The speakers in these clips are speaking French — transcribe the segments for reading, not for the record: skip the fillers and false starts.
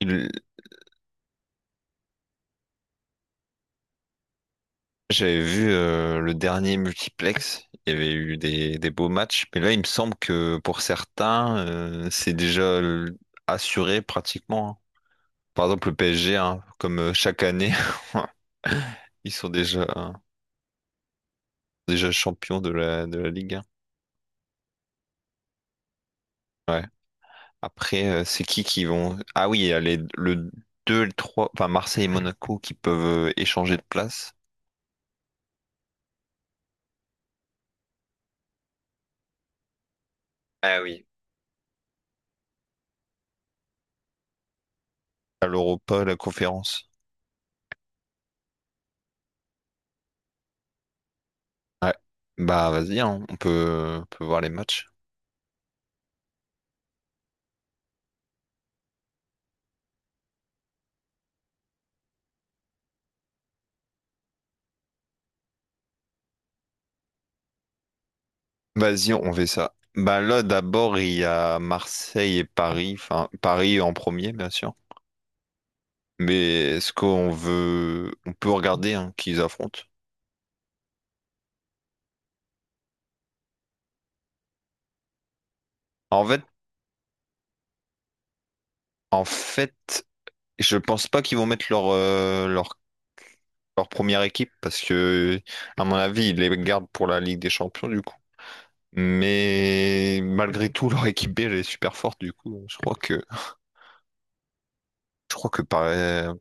Il- J'avais vu le dernier multiplex, il y avait eu des beaux matchs, mais là il me semble que pour certains c'est déjà assuré pratiquement, hein. Par exemple le PSG, hein, comme chaque année, ils sont déjà champions de de la Ligue 1. Ouais. Après c'est qui vont... Ah oui, il y a le 2, le 3, enfin Marseille et Monaco qui peuvent échanger de place. Ah oui. À l'Europa, la conférence. Ouais. Bah vas-y, hein, on peut voir les matchs. Vas-y, on fait ça. Bah là, d'abord, il y a Marseille et Paris. Enfin, Paris en premier, bien sûr. Mais est-ce qu'on veut... On peut regarder hein, qui ils affrontent. En fait, en fait, je pense pas qu'ils vont mettre leur leur, première équipe parce que, à mon avis, ils les gardent pour la Ligue des Champions, du coup. Mais malgré tout, leur équipe B, elle est super forte, du coup. Je crois que Paris...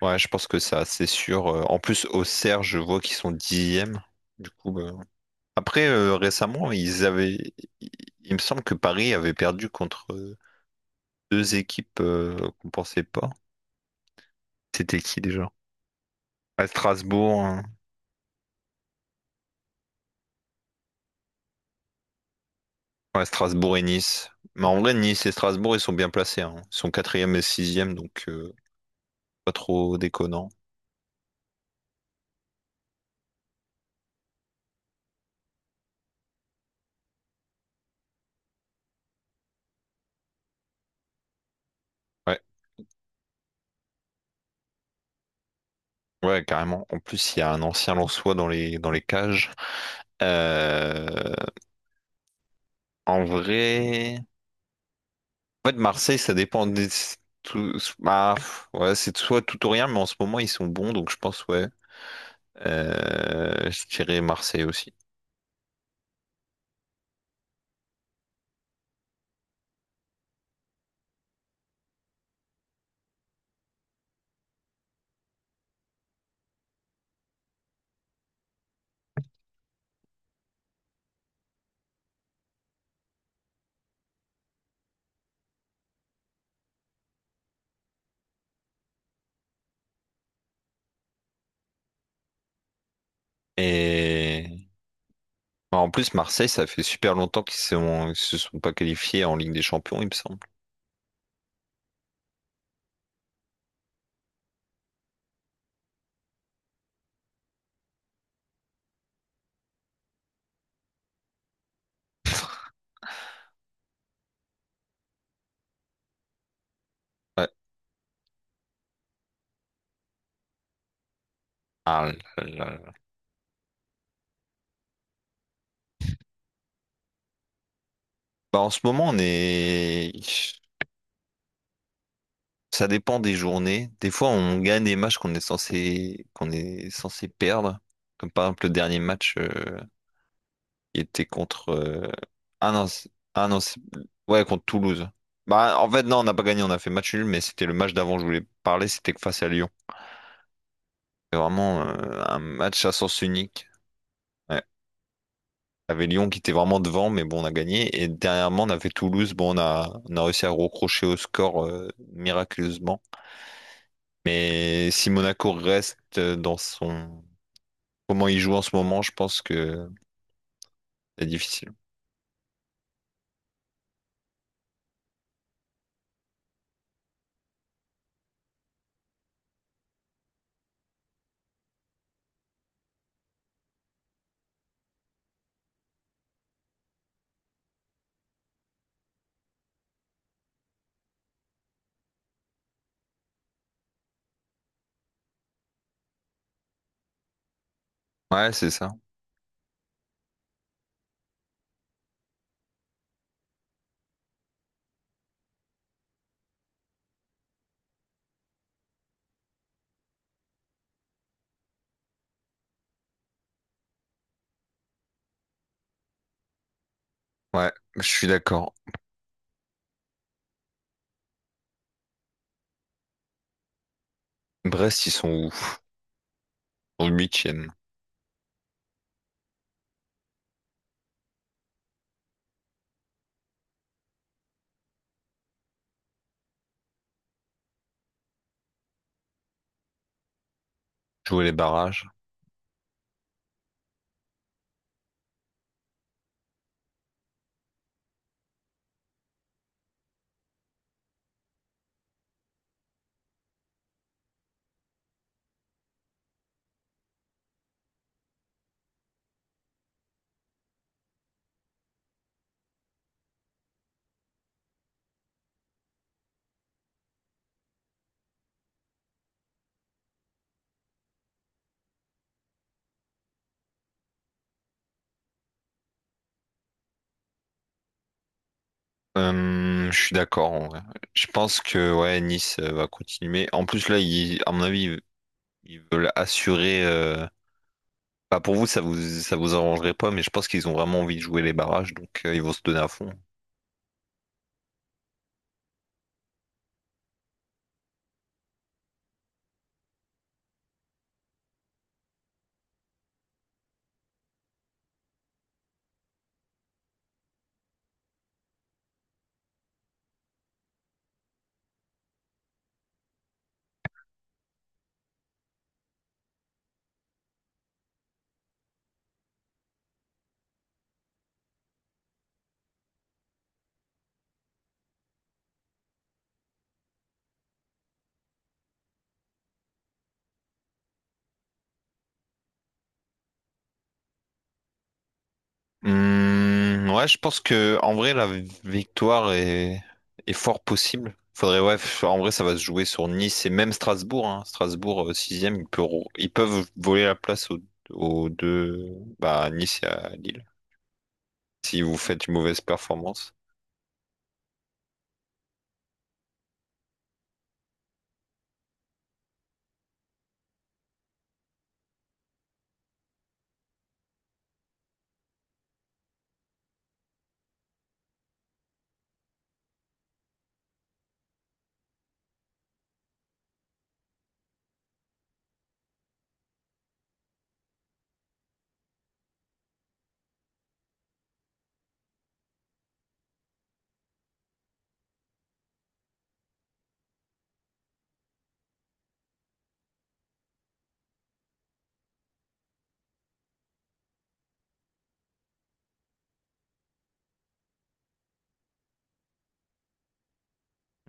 Ouais, je pense que ça, c'est sûr. En plus, au Serre, je vois qu'ils sont dixièmes. Du coup, bah, après, récemment, ils avaient. Il il me semble que Paris avait perdu contre deux équipes qu'on pensait pas. C'était qui déjà? À Strasbourg, hein. Ouais, Strasbourg et Nice. Mais en vrai, Nice et Strasbourg, ils sont bien placés, hein. Ils sont quatrième et sixième, donc pas trop déconnant. Ouais, ouais, carrément. En plus, il y a un ancien Lensois dans les cages. Euh, en vrai. En fait, Marseille, ça dépend des... tout- bah, pff, ouais, c'est soit tout ou rien, mais en ce moment, ils sont bons, donc je pense, ouais. Je dirais Marseille aussi. Et bah, en plus, Marseille, ça fait super longtemps qu'ils sont... ils se sont pas qualifiés en Ligue des Champions, il me semble. Ouais. Ah là là là. Bah, en ce moment, on est... Ça dépend des journées. Des fois, on gagne des matchs qu'on est censé perdre, comme par exemple le dernier match. Il était contre. Ah non, c'est- ouais, contre Toulouse. Bah, en fait, non, on n'a pas gagné, on a fait match nul, mais c'était le match d'avant je voulais parler, c'était face à Lyon. C'était vraiment un match à sens unique. Ouais. Il y avait Lyon qui était vraiment devant, mais bon, on a gagné. Et dernièrement, on avait Toulouse, bon, on a réussi à recrocher au score miraculeusement. Mais si Monaco reste dans son. Comment il joue en ce moment, je pense que c'est difficile. Ouais, c'est ça. Ouais, je suis d'accord. Brest, ils sont où? Ils sont huitièmes. Jouer les barrages. Je suis d'accord en vrai. Je pense que ouais, Nice va continuer. En plus là, à mon avis, ils veulent assurer. Bah, pour vous, ça vous arrangerait pas, mais je pense qu'ils ont vraiment envie de jouer les barrages, donc ils vont se donner à fond. Ouais, je pense que en vrai la victoire est fort possible. Faudrait ouais, en vrai ça va se jouer sur Nice et même Strasbourg. Hein. Strasbourg sixième, ils peuvent voler la place aux deux bah à Nice et à Lille, si vous faites une mauvaise performance.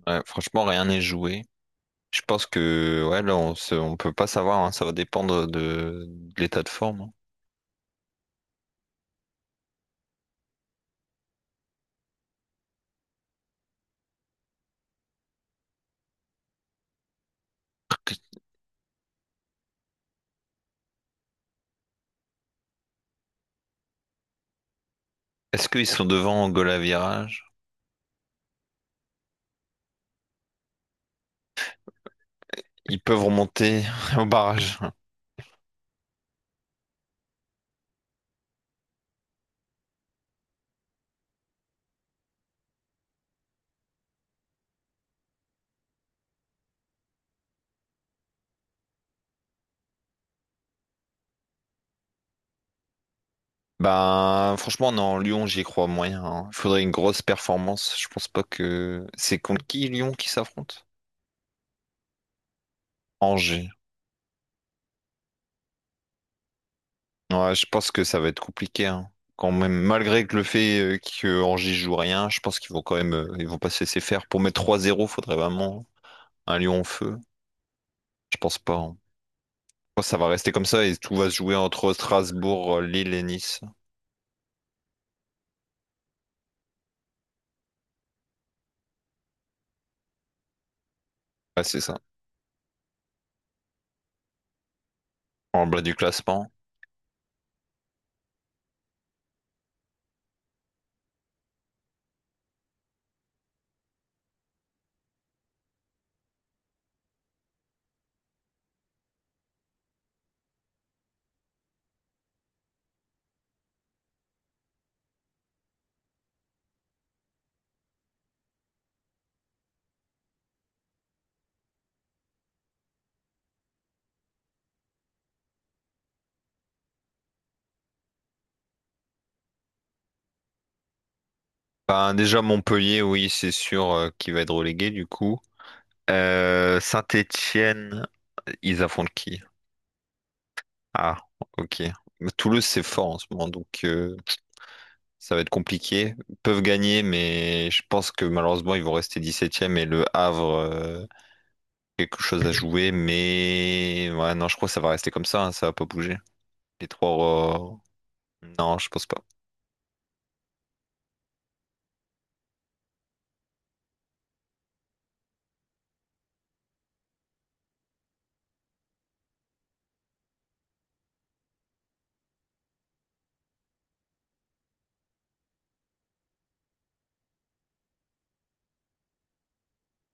Ouais, franchement, rien n'est joué. Je pense que ouais, là, on peut pas savoir, hein, ça va dépendre de l'état de forme, hein. Est-ce qu'ils sont devant au goal à virage? Ils peuvent remonter au barrage. Ben, franchement, non, Lyon, j'y crois moyen, hein. Il faudrait une grosse performance. Je pense pas que. C'est contre qui Lyon qui s'affronte? Angers. Ouais, je pense que ça va être compliqué, hein. Quand même, malgré que le fait que Angers joue rien, je pense qu'ils vont quand même, ils vont pas se laisser faire. Pour mettre 3-0, faudrait vraiment un Lyon en feu. Je pense pas, hein. Je pense que ça va rester comme ça et tout va se jouer entre Strasbourg, Lille et Nice. Ouais, c'est ça. En bas du classement. Ben, déjà Montpellier, oui, c'est sûr, qu'il va être relégué du coup. Saint-Étienne, ils affrontent qui? Ah, ok. Mais Toulouse, c'est fort en ce moment, donc ça va être compliqué. Ils peuvent gagner, mais je pense que malheureusement, ils vont rester dix-septième, et le Havre, quelque chose à jouer. Mais ouais, non, je crois que ça va rester comme ça, hein, ça va pas bouger. Les trois, non, je pense pas.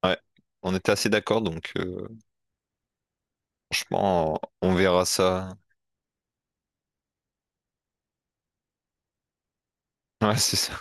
Ouais, on était assez d'accord, donc franchement, on verra ça. Ouais, c'est ça.